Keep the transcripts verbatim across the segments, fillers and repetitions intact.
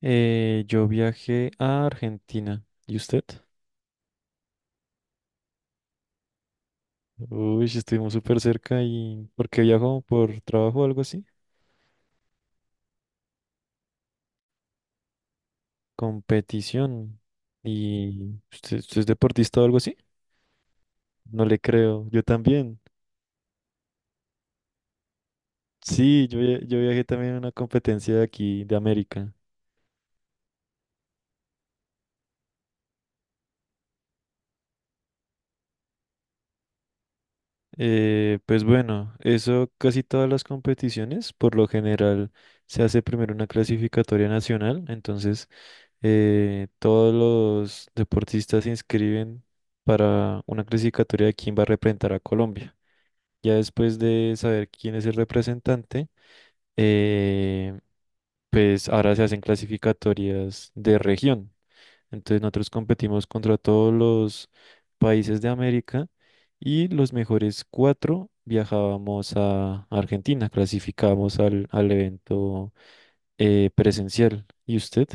Eh, yo viajé a Argentina. ¿Y usted? Uy, sí, estuvimos súper cerca y ¿por qué viajó? ¿Por trabajo o algo así? Competición. ¿Y usted, usted es deportista o algo así? No le creo. Yo también. Sí, yo, via- yo viajé también a una competencia de aquí, de América. Eh, pues bueno, eso casi todas las competiciones, por lo general, se hace primero una clasificatoria nacional. Entonces eh, todos los deportistas se inscriben para una clasificatoria de quién va a representar a Colombia. Ya después de saber quién es el representante, eh, pues ahora se hacen clasificatorias de región. Entonces nosotros competimos contra todos los países de América y los mejores cuatro viajábamos a Argentina, clasificábamos al, al evento eh, presencial. ¿Y usted?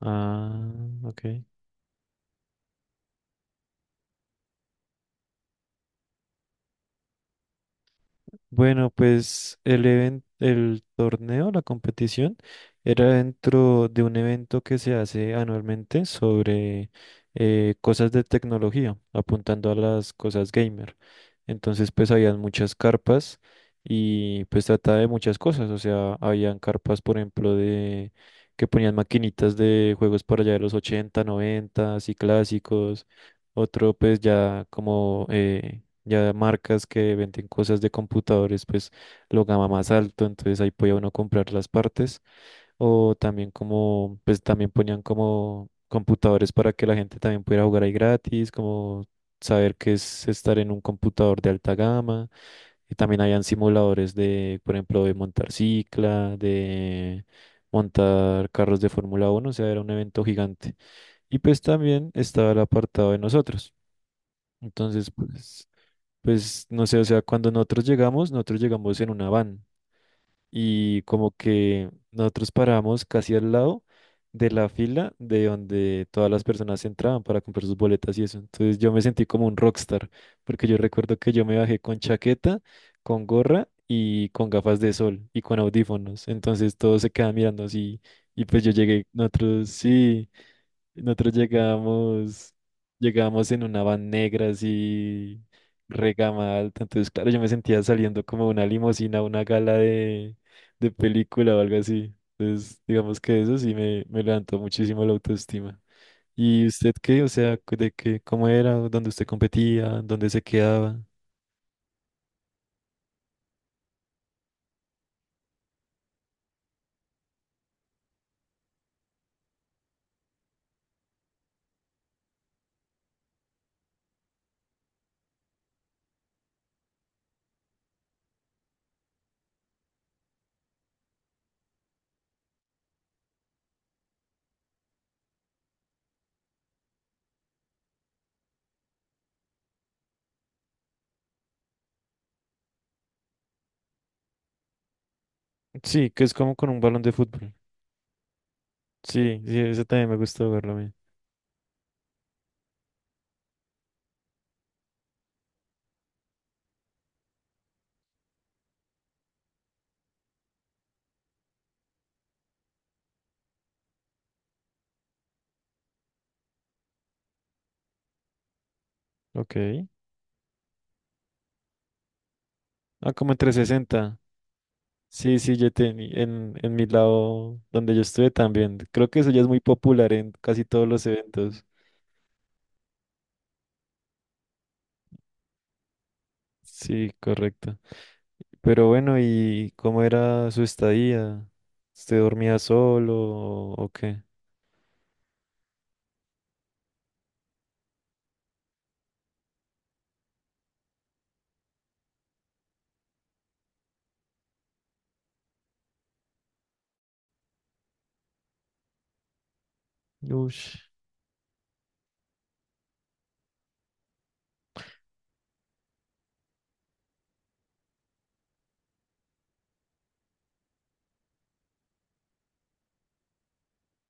Ah, ok. Bueno, pues el evento, el torneo, la competición, era dentro de un evento que se hace anualmente sobre eh, cosas de tecnología, apuntando a las cosas gamer. Entonces, pues habían muchas carpas y pues trataba de muchas cosas. O sea, habían carpas, por ejemplo, de que ponían maquinitas de juegos para allá de los ochenta, noventa, y clásicos. Otro, pues ya como eh, ya marcas que venden cosas de computadores, pues lo gama más alto. Entonces ahí podía uno comprar las partes. O también como, pues también ponían como computadores para que la gente también pudiera jugar ahí gratis, como saber qué es estar en un computador de alta gama. Y también habían simuladores de, por ejemplo, de montar cicla, de montar carros de Fórmula uno. O sea, era un evento gigante. Y pues también estaba el apartado de nosotros. Entonces, pues, pues, no sé, o sea, cuando nosotros llegamos, nosotros llegamos en una van y como que nosotros paramos casi al lado de la fila de donde todas las personas entraban para comprar sus boletas y eso. Entonces yo me sentí como un rockstar, porque yo recuerdo que yo me bajé con chaqueta, con gorra y con gafas de sol y con audífonos. Entonces todos se quedan mirando así y pues yo llegué, nosotros sí. Nosotros llegamos llegamos en una van negra así, regama alta. Entonces, claro, yo me sentía saliendo como de una limusina, a una gala de, de película o algo así. Entonces, digamos que eso sí me, me levantó muchísimo la autoestima. ¿Y usted qué? O sea, cu- de qué, cómo era, dónde usted competía, dónde se quedaba. Sí, que es como con un balón de fútbol. Sí, sí, eso también me gustó verlo a mí. Ok. Ah, como en trescientos sesenta. Sí, sí, yo tení, en, en mi lado donde yo estuve también. Creo que eso ya es muy popular en casi todos los eventos. Sí, correcto. Pero bueno, ¿y cómo era su estadía? ¿Usted dormía solo o, o qué? Ush.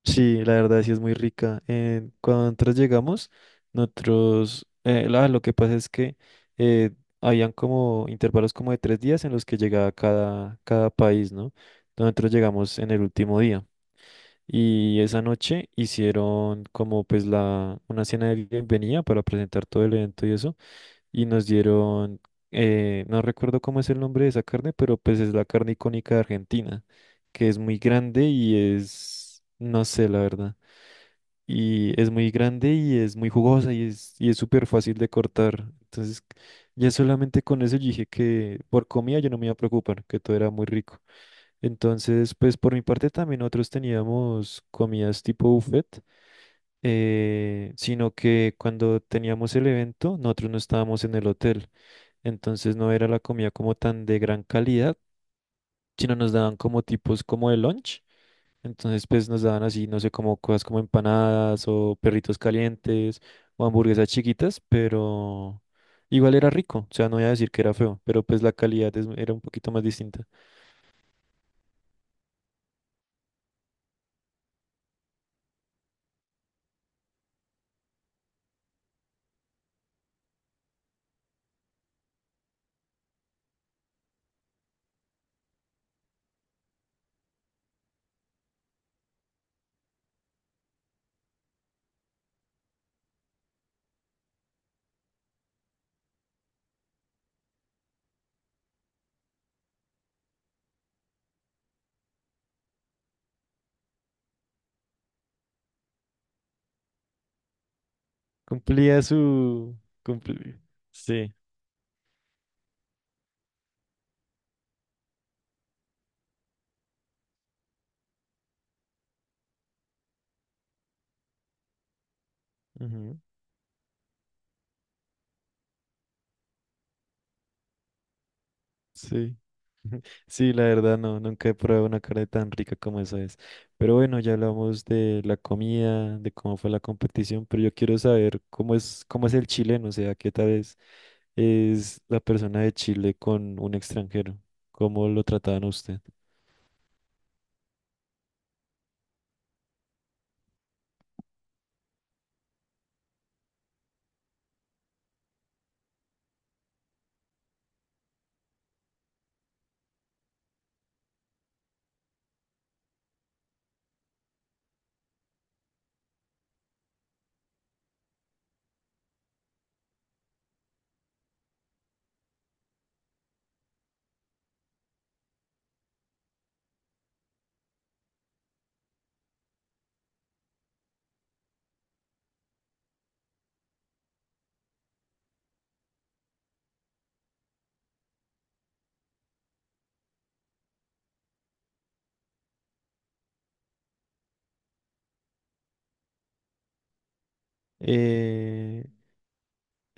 Sí, la verdad sí es muy rica. Eh, cuando nosotros llegamos, nosotros, eh, la- lo que pasa es que eh, habían como intervalos como de tres días en los que llegaba cada, cada país, ¿no? Nosotros llegamos en el último día. Y esa noche hicieron como pues la, una cena de bienvenida para presentar todo el evento y eso. Y nos dieron, eh, no recuerdo cómo es el nombre de esa carne, pero pues es la carne icónica de Argentina, que es muy grande y es, no sé la verdad. Y es muy grande y es muy jugosa y es, y es súper fácil de cortar. Entonces ya solamente con eso yo dije que por comida yo no me iba a preocupar, que todo era muy rico. Entonces, pues por mi parte también nosotros teníamos comidas tipo buffet, eh, sino que cuando teníamos el evento, nosotros no estábamos en el hotel. Entonces no era la comida como tan de gran calidad, sino nos daban como tipos como de lunch. Entonces pues nos daban así, no sé, como cosas como empanadas o perritos calientes o hamburguesas chiquitas, pero igual era rico. O sea, no voy a decir que era feo, pero pues la calidad es- era un poquito más distinta. Cumplía su... cumpli- Sí. Ujú, sí. Sí, la verdad no, nunca he probado una carne tan rica como esa es. Pero bueno, ya hablamos de la comida, de cómo fue la competición, pero yo quiero saber cómo es, cómo es el chileno, o sea, qué tal es, es, la persona de Chile con un extranjero, cómo lo trataban a usted. Eh,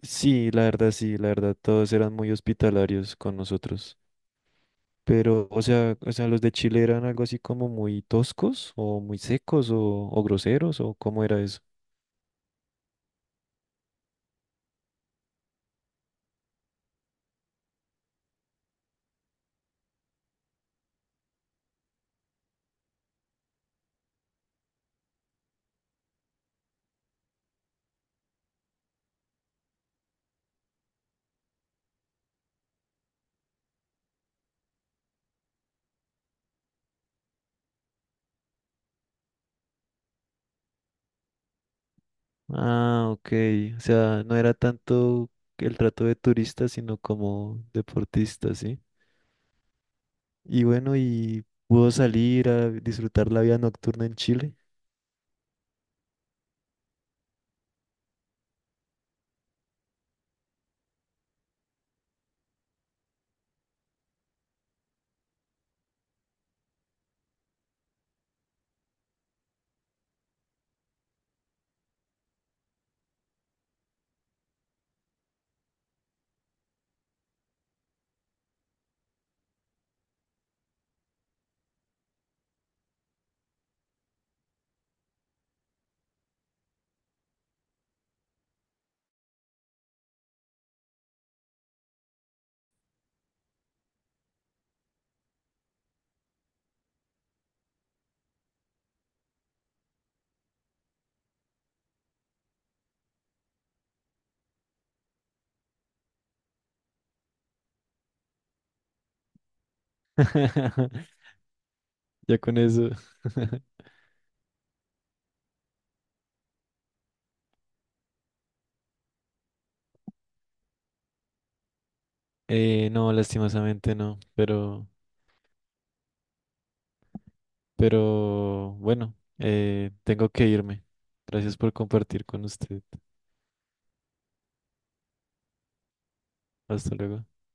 sí, la verdad sí, la verdad todos eran muy hospitalarios con nosotros. Pero, o sea, o sea, los de Chile eran algo así como muy toscos o muy secos o, o groseros o cómo era eso. Ah, ok. O sea, no era tanto el trato de turista, sino como deportista, ¿sí? Y bueno, ¿y pudo salir a disfrutar la vida nocturna en Chile? Ya con eso. Eh, no, lastimosamente no, pero, pero, bueno, eh, tengo que irme. Gracias por compartir con usted. Hasta luego.